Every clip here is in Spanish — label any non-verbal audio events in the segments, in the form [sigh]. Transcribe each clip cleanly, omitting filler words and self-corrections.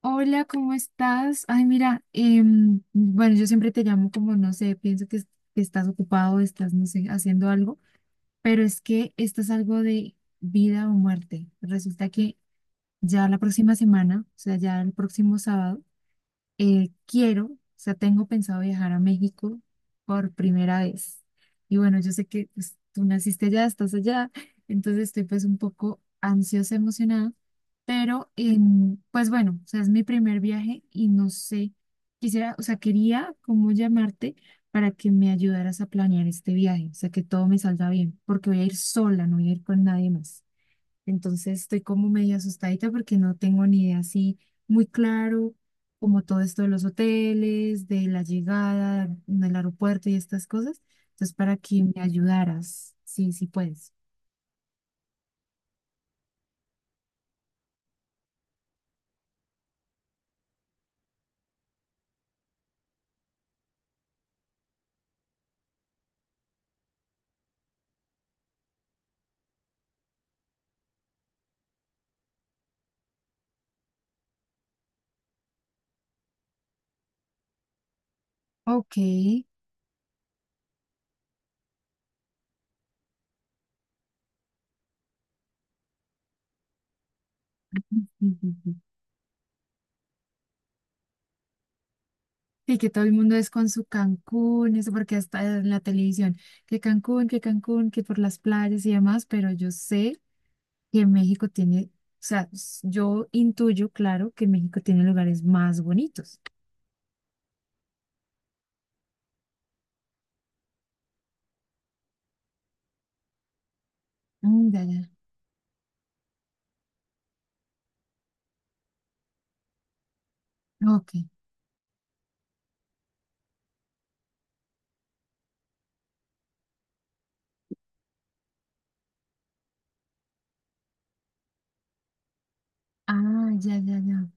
Hola, ¿cómo estás? Ay, mira, bueno, yo siempre te llamo como, no sé, pienso que, es- que estás ocupado, estás, no sé, haciendo algo, pero es que esto es algo de vida o muerte. Resulta que ya la próxima semana, o sea, ya el próximo sábado, quiero, o sea, tengo pensado viajar a México por primera vez. Y bueno, yo sé que pues, tú naciste allá, estás allá, entonces estoy pues un poco ansiosa, emocionada, pero pues bueno, o sea, es mi primer viaje y no sé, quisiera, o sea, quería como llamarte para que me ayudaras a planear este viaje, o sea, que todo me salga bien, porque voy a ir sola, no voy a ir con nadie más. Entonces estoy como medio asustadita porque no tengo ni idea así muy claro como todo esto de los hoteles, de la llegada, del aeropuerto y estas cosas. Entonces para que me ayudaras, sí, sí puedes. Ok. Ujú. Y que todo el mundo es con su Cancún, eso porque hasta en la televisión, que Cancún, que Cancún, que por las playas y demás, pero yo sé que México tiene, o sea, s- yo intuyo, claro, que México tiene lugares más bonitos. Mm, ya, ya, ok. Ah, ya, ya, ya.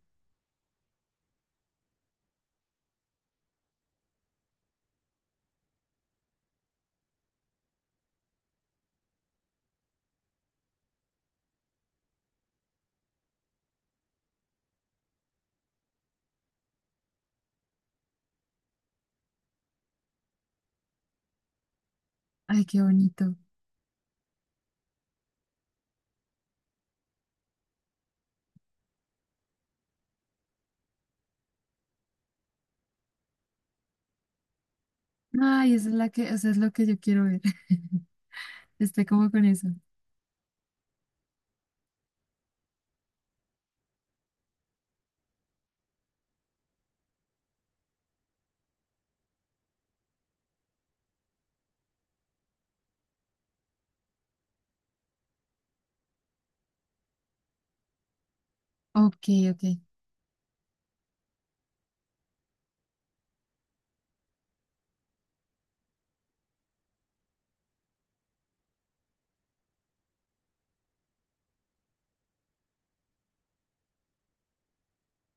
Ay, qué bonito. Ay, esa es la que, o sea, es lo que yo quiero ver. [laughs] Estoy como con eso. Ok, ok.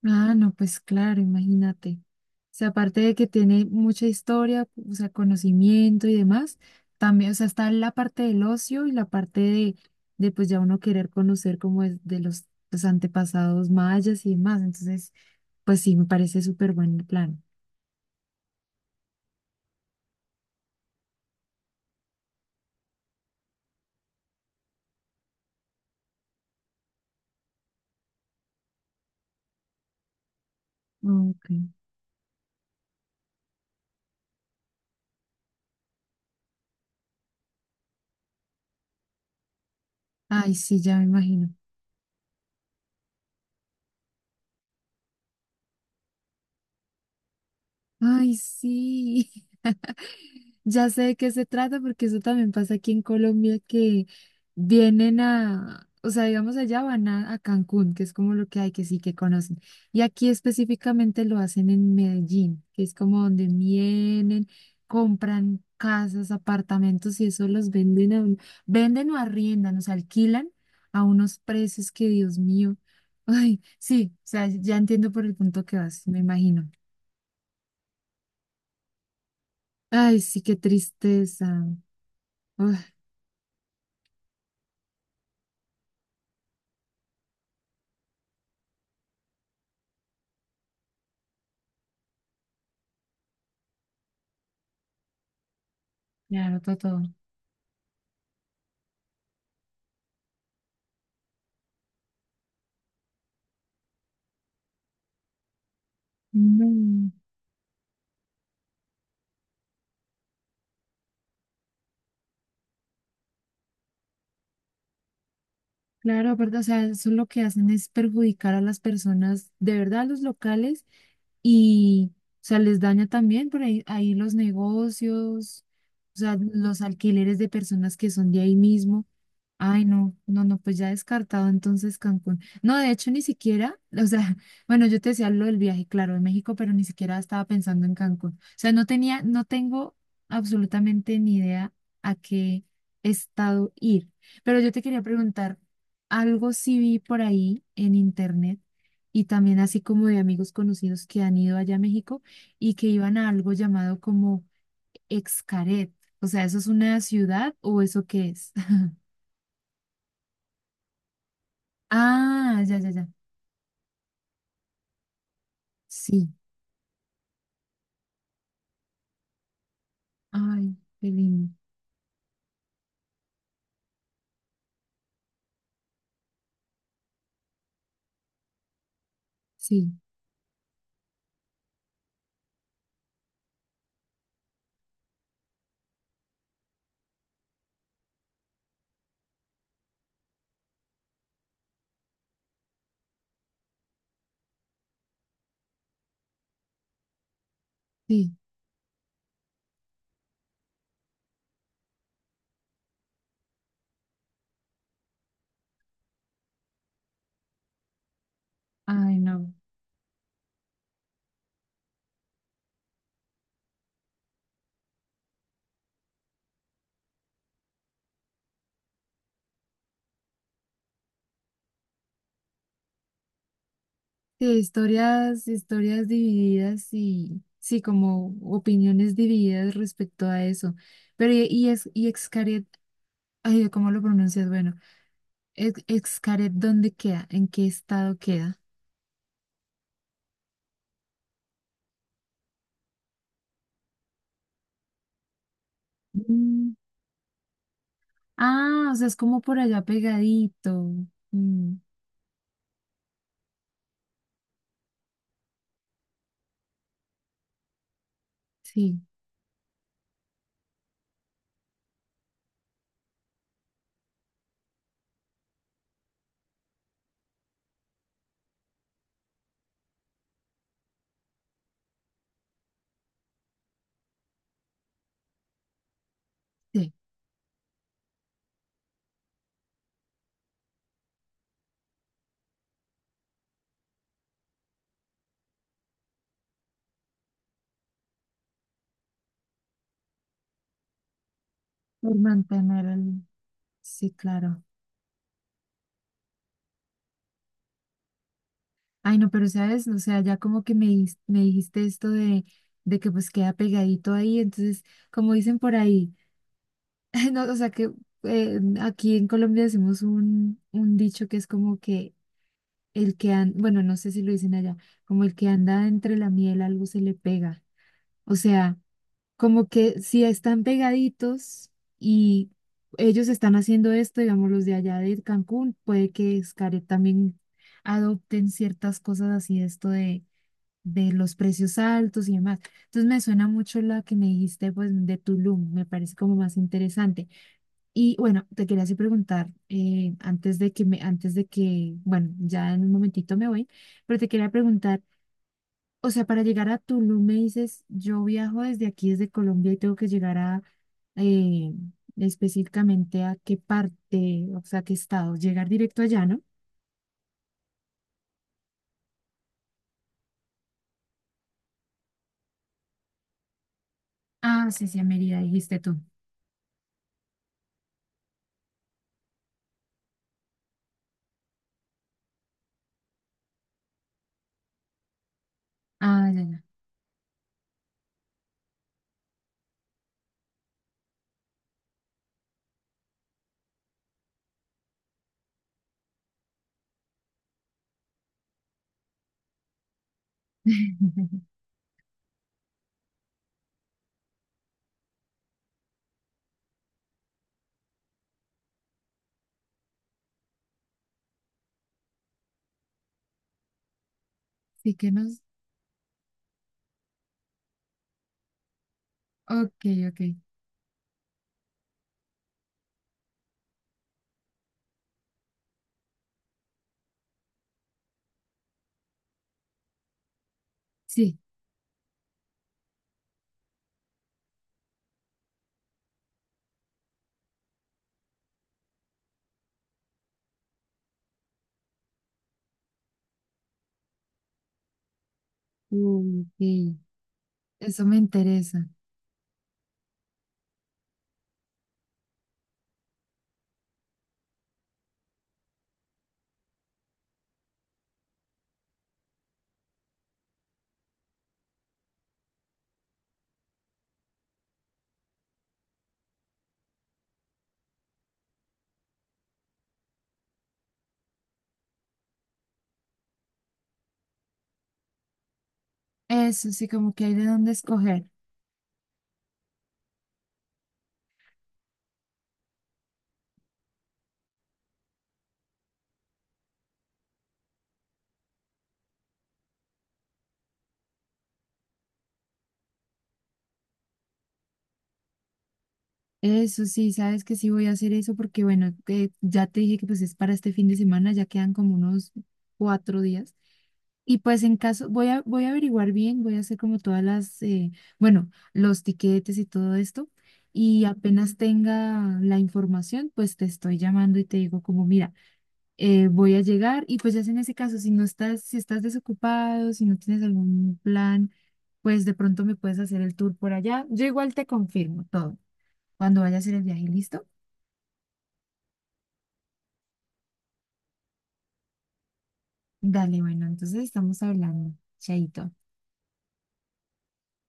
Ah, no, pues claro, imagínate. O sea, aparte de que tiene mucha historia, o sea, conocimiento y demás, también, o sea, está la parte del ocio y la parte de pues ya uno querer conocer como es de los antepasados mayas y demás. Entonces, pues sí, me parece súper buen plan. Ok. Ay, sí, ya me imagino. Ay, sí. [laughs] Ya sé de qué se trata porque eso también pasa aquí en Colombia que vienen a, o sea, digamos allá van a Cancún, que es como lo que hay, que sí que conocen. Y aquí específicamente lo hacen en Medellín, que es como donde vienen, compran casas, apartamentos y eso los venden a un- venden o arriendan, o sea, alquilan a unos precios que, Dios mío. [laughs] Ay, sí, o sea, ya entiendo por el punto que vas, me imagino. Ay, sí, qué tristeza. Uf, me agotó todo. No. Claro, aparte, o sea, eso lo que hacen es perjudicar a las personas, de verdad, a los locales, y, o sea, les daña también por ahí, ahí los negocios, o sea, los alquileres de personas que son de ahí mismo. Ay, no, no, no, pues ya descartado entonces Cancún. No, de hecho, ni siquiera, o sea, [laughs] bueno, yo te decía lo del viaje, claro, de México, pero ni siquiera estaba pensando en Cancún. O sea, no tenía, no tengo absolutamente ni idea a qué estado ir. Pero yo te quería preguntar. Algo sí vi por ahí en internet y también así como de amigos conocidos que han ido allá a México y que iban a algo llamado como Xcaret. O sea, ¿eso es una ciudad o eso qué es? [laughs] Ah, ya, ya, ya. Sí. Ay, qué lindo. Sí, sí. Ay, no. Sí, historias, historias divididas y sí, como opiniones divididas respecto a eso. Pero y es y Xcaret, ay, ¿cómo lo pronuncias? Bueno. Ex- Xcaret, ¿dónde queda? ¿En qué estado queda? Mm, ah, o sea, es como por allá pegadito. Mm, sí, sí, por mantener el... Sí, claro. Ay, no, pero sabes, o sea, ya como que me, dis- me dijiste esto de que pues queda pegadito ahí, entonces, como dicen por ahí, [laughs] no, o sea, que aquí en Colombia decimos un dicho que es como que el que anda, bueno, no sé si lo dicen allá, como el que anda entre la miel algo se le pega. O sea... como que si están pegaditos y ellos están haciendo esto, digamos, los de allá de Cancún, puede que Xcaret también adopten ciertas cosas así, esto de los precios altos y demás. Entonces me suena mucho la que me dijiste, pues, de Tulum, me parece como más interesante. Y bueno, te quería así preguntar, antes de que me, antes de que, bueno, ya en un momentito me voy, pero te quería preguntar, o sea, para llegar a Tulum me dices, yo viajo desde aquí, desde Colombia, y tengo que llegar a eh, específicamente a qué parte, o sea, qué estado, llegar directo allá, ¿no? Ah, sí, sí, a Mérida, dijiste tú. Ah, ya, ya. [laughs] Sí que nos. Ok, ok. Sí. Ok. Eso me interesa. Eso sí, como que hay de dónde escoger. Eso sí, sabes que sí voy a hacer eso porque, bueno, que ya te dije que pues es para este fin de semana, ya quedan como unos 4 días. Y pues en caso, voy a, voy a averiguar bien, voy a hacer como todas las, bueno, los tiquetes y todo esto. Y apenas tenga la información, pues te estoy llamando y te digo como, mira, voy a llegar. Y pues ya es en ese caso, si no estás, si estás desocupado, si no tienes algún plan, pues de pronto me puedes hacer el tour por allá. Yo igual te confirmo todo. Cuando vaya a hacer el viaje, ¿listo? Dale, bueno, entonces estamos hablando. Chaito.